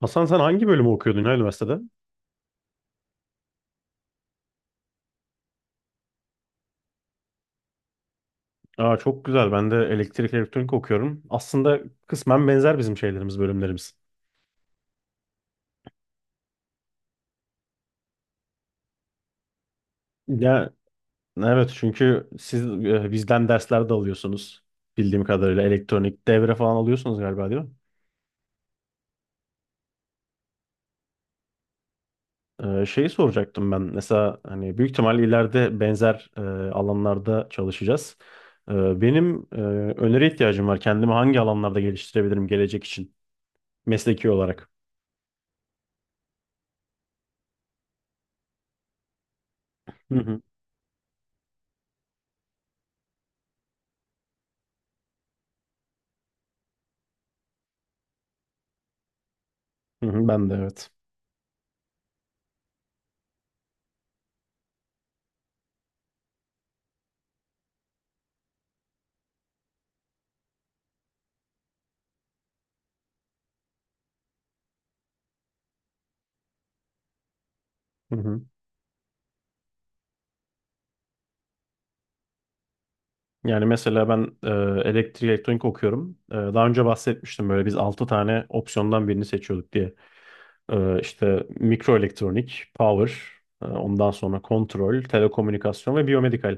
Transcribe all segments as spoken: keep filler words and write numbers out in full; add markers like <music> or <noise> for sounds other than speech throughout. Hasan sen hangi bölümü okuyordun ya üniversitede? Aa, çok güzel. Ben de elektrik elektronik okuyorum. Aslında kısmen benzer bizim şeylerimiz, bölümlerimiz. Ya evet çünkü siz e, bizden dersler de alıyorsunuz. Bildiğim kadarıyla elektronik devre falan alıyorsunuz galiba değil mi? Ee, şeyi soracaktım ben. Mesela hani büyük ihtimalle ileride benzer e, alanlarda çalışacağız. Ee, benim e, öneri ihtiyacım var. Kendimi hangi alanlarda geliştirebilirim gelecek için mesleki olarak? Hı hı. Hı hı, ben de evet. Hı hı. Yani mesela ben e, elektrik elektronik okuyorum. E, daha önce bahsetmiştim böyle biz altı tane opsiyondan birini seçiyorduk diye. E, işte mikro elektronik, power, e, ondan sonra kontrol, telekomünikasyon ve biyomedikal.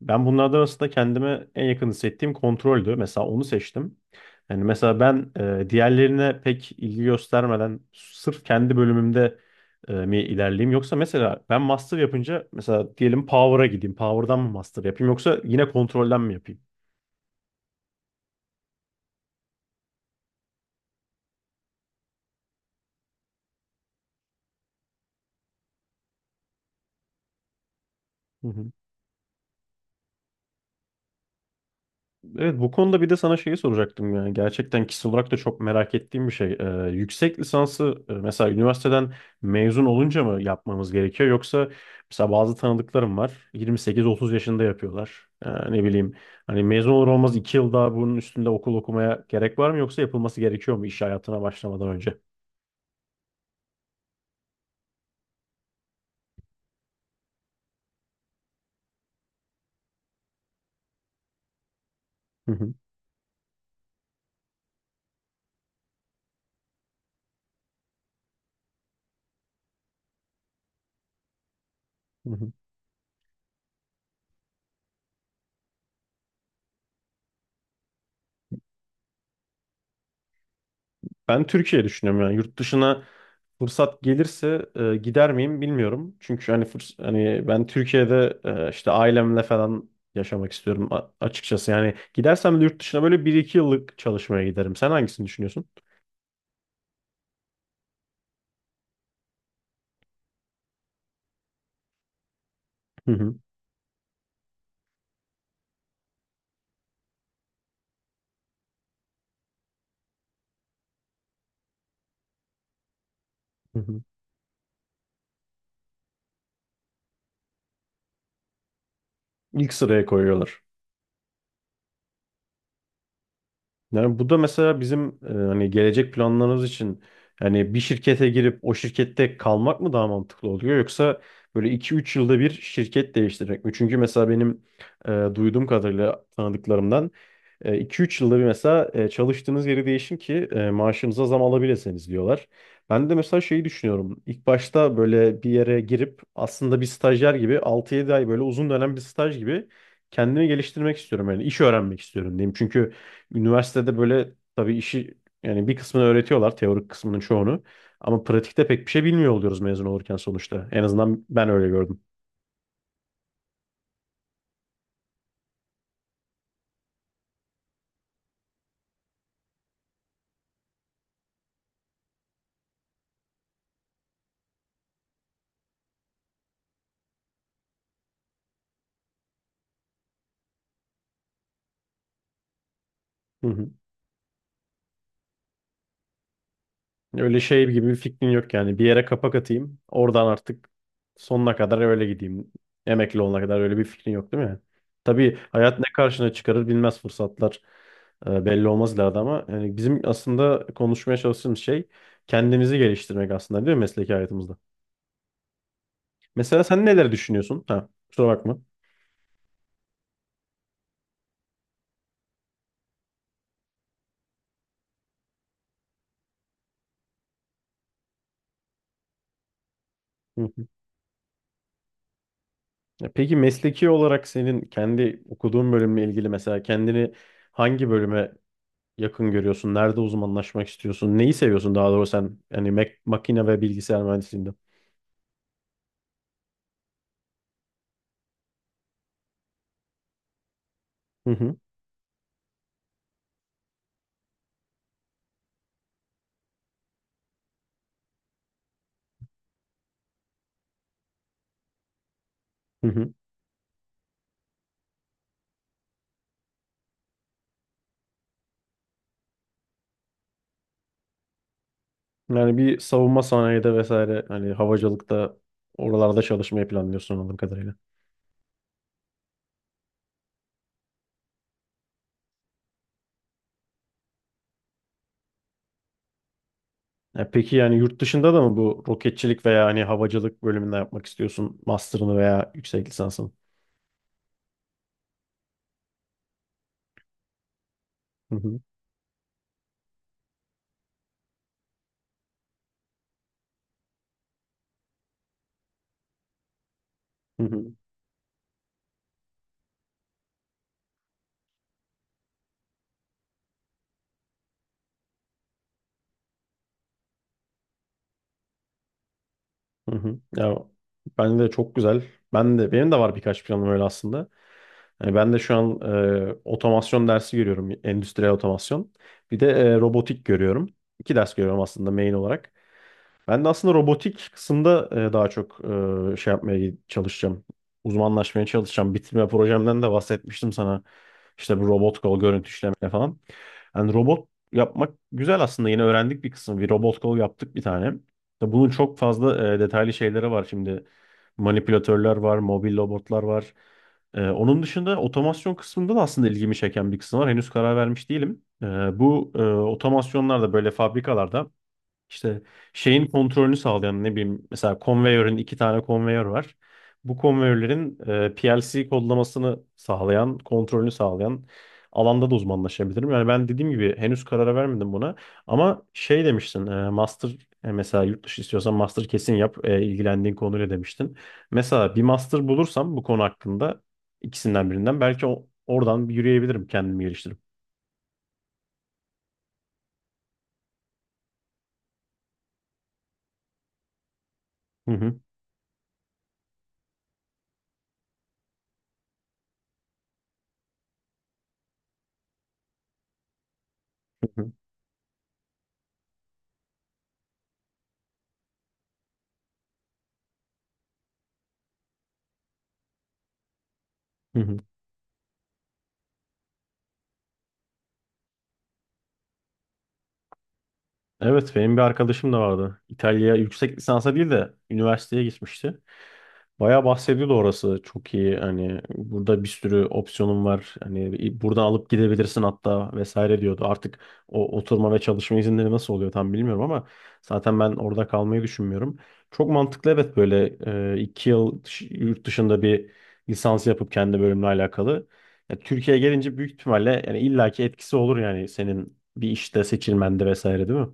Ben bunlardan arasında kendime en yakın hissettiğim kontroldü. Mesela onu seçtim. Yani mesela ben e, diğerlerine pek ilgi göstermeden sırf kendi bölümümde e, mi ilerleyeyim yoksa mesela ben master yapınca mesela diyelim power'a gideyim. Power'dan mı master yapayım yoksa yine kontrolden mi yapayım? Hı hı. Evet bu konuda bir de sana şeyi soracaktım yani gerçekten kişisel olarak da çok merak ettiğim bir şey. Ee, yüksek lisansı e, mesela üniversiteden mezun olunca mı yapmamız gerekiyor yoksa mesela bazı tanıdıklarım var yirmi sekiz otuz yaşında yapıyorlar. Ee, ne bileyim hani mezun olur olmaz iki yıl daha bunun üstünde okul okumaya gerek var mı yoksa yapılması gerekiyor mu iş hayatına başlamadan önce? Hı hı, hı hı. Ben Türkiye düşünüyorum yani yurt dışına fırsat gelirse e, gider miyim bilmiyorum. Çünkü hani fırs hani ben Türkiye'de e, işte ailemle falan yaşamak istiyorum a- açıkçası. Yani gidersem de yurt dışına böyle bir iki yıllık çalışmaya giderim. Sen hangisini düşünüyorsun? Hı hı. Hı hı. İlk sıraya koyuyorlar. Yani bu da mesela bizim e, hani gelecek planlarımız için yani bir şirkete girip o şirkette kalmak mı daha mantıklı oluyor yoksa böyle iki üç yılda bir şirket değiştirmek mi? Çünkü mesela benim e, duyduğum kadarıyla tanıdıklarımdan e, iki üç yılda bir mesela e, çalıştığınız yeri değişin ki e, maaşınıza zam alabilirsiniz diyorlar. Ben de mesela şeyi düşünüyorum. İlk başta böyle bir yere girip aslında bir stajyer gibi altı yedi ay böyle uzun dönem bir staj gibi kendimi geliştirmek istiyorum. Yani iş öğrenmek istiyorum diyeyim. Çünkü üniversitede böyle tabii işi yani bir kısmını öğretiyorlar teorik kısmının çoğunu. Ama pratikte pek bir şey bilmiyor oluyoruz mezun olurken sonuçta. En azından ben öyle gördüm. Hı hı. Öyle şey gibi bir fikrin yok yani. Bir yere kapak atayım. Oradan artık sonuna kadar öyle gideyim. Emekli olana kadar öyle bir fikrin yok değil mi? Tabii hayat ne karşına çıkarır bilmez fırsatlar. e, Belli olmaz ileride ama yani bizim aslında konuşmaya çalıştığımız şey kendimizi geliştirmek aslında değil mi mesleki hayatımızda? Mesela sen neler düşünüyorsun? Ha, kusura bakma. Ya peki mesleki olarak senin kendi okuduğun bölümle ilgili mesela kendini hangi bölüme yakın görüyorsun? Nerede uzmanlaşmak istiyorsun? Neyi seviyorsun daha doğrusu sen yani mek- makine ve bilgisayar mühendisliğinde? Hı hı, hı hı. Yani bir savunma sanayide vesaire hani havacılıkta oralarda çalışmayı planlıyorsun anladığım kadarıyla. Ya peki yani yurt dışında da mı bu roketçilik veya hani havacılık bölümünde yapmak istiyorsun master'ını veya yüksek lisansını? Hı hı, hı hı. Hı hı. Ya ben de çok güzel. Ben de benim de var birkaç planım öyle aslında. Yani ben de şu an e, otomasyon dersi görüyorum, endüstriyel otomasyon. Bir de e, robotik görüyorum. İki ders görüyorum aslında main olarak. Ben de aslında robotik kısımda e, daha çok e, şey yapmaya çalışacağım. Uzmanlaşmaya çalışacağım. Bitirme projemden de bahsetmiştim sana. İşte bu robot kol görüntü işleme falan. Yani robot yapmak güzel aslında. Yine öğrendik bir kısım. Bir robot kol yaptık bir tane. Tabii bunun çok fazla e, detaylı şeyleri var şimdi. Manipülatörler var, mobil robotlar var. E, onun dışında otomasyon kısmında da aslında ilgimi çeken bir kısım var. Henüz karar vermiş değilim. E, bu e, otomasyonlar da böyle fabrikalarda işte şeyin kontrolünü sağlayan ne bileyim mesela konveyörün iki tane konveyör var. Bu konveyörlerin e, P L C kodlamasını sağlayan, kontrolünü sağlayan alanda da uzmanlaşabilirim. Yani ben dediğim gibi henüz karara vermedim buna. Ama şey demiştin, e, master e, mesela yurt dışı istiyorsan master kesin yap e, ilgilendiğin konuyla demiştin. Mesela bir master bulursam bu konu hakkında ikisinden birinden belki o- oradan bir yürüyebilirim kendimi geliştirip. Hı hı hı hı. Evet benim bir arkadaşım da vardı. İtalya yüksek lisansa değil de üniversiteye gitmişti. Bayağı bahsediyordu orası. Çok iyi hani burada bir sürü opsiyonum var. Hani buradan alıp gidebilirsin hatta vesaire diyordu. Artık o oturma ve çalışma izinleri nasıl oluyor tam bilmiyorum ama zaten ben orada kalmayı düşünmüyorum. Çok mantıklı evet böyle e, iki yıl dış- yurt dışında bir lisans yapıp kendi bölümle alakalı. Ya, Türkiye'ye gelince büyük ihtimalle yani illaki etkisi olur yani senin bir işte seçilmende vesaire değil mi?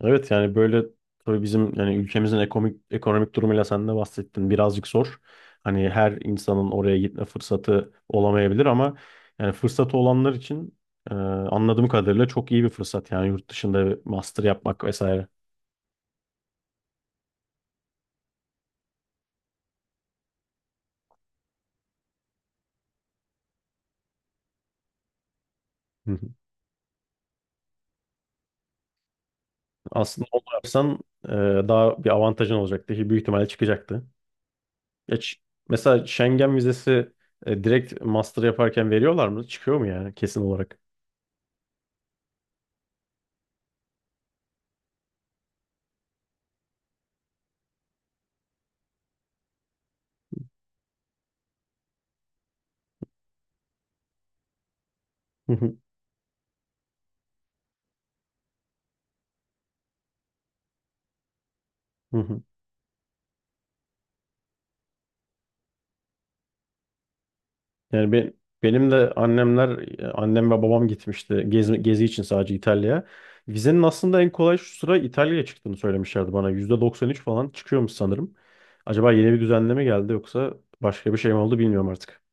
Evet yani böyle tabii bizim yani ülkemizin ekonomik ekonomik durumuyla sen de bahsettin birazcık zor. Hani her insanın oraya gitme fırsatı olamayabilir ama yani fırsatı olanlar için e, anladığım kadarıyla çok iyi bir fırsat yani yurt dışında bir master yapmak vesaire. Hı hı. Aslında onu yapsan e, daha bir avantajın olacaktı ki büyük ihtimalle çıkacaktı. Ya mesela Schengen vizesi e, direkt master yaparken veriyorlar mı? Çıkıyor mu yani kesin olarak? <laughs> Hı hı. Yani be- benim de annemler, e, annem ve babam gitmişti gezi, gezi için sadece İtalya'ya. Vizenin aslında en kolay şu sıra İtalya'ya çıktığını söylemişlerdi bana. yüzde doksan üç falan çıkıyormuş sanırım. Acaba yeni bir düzenleme geldi yoksa başka bir şey mi oldu bilmiyorum artık.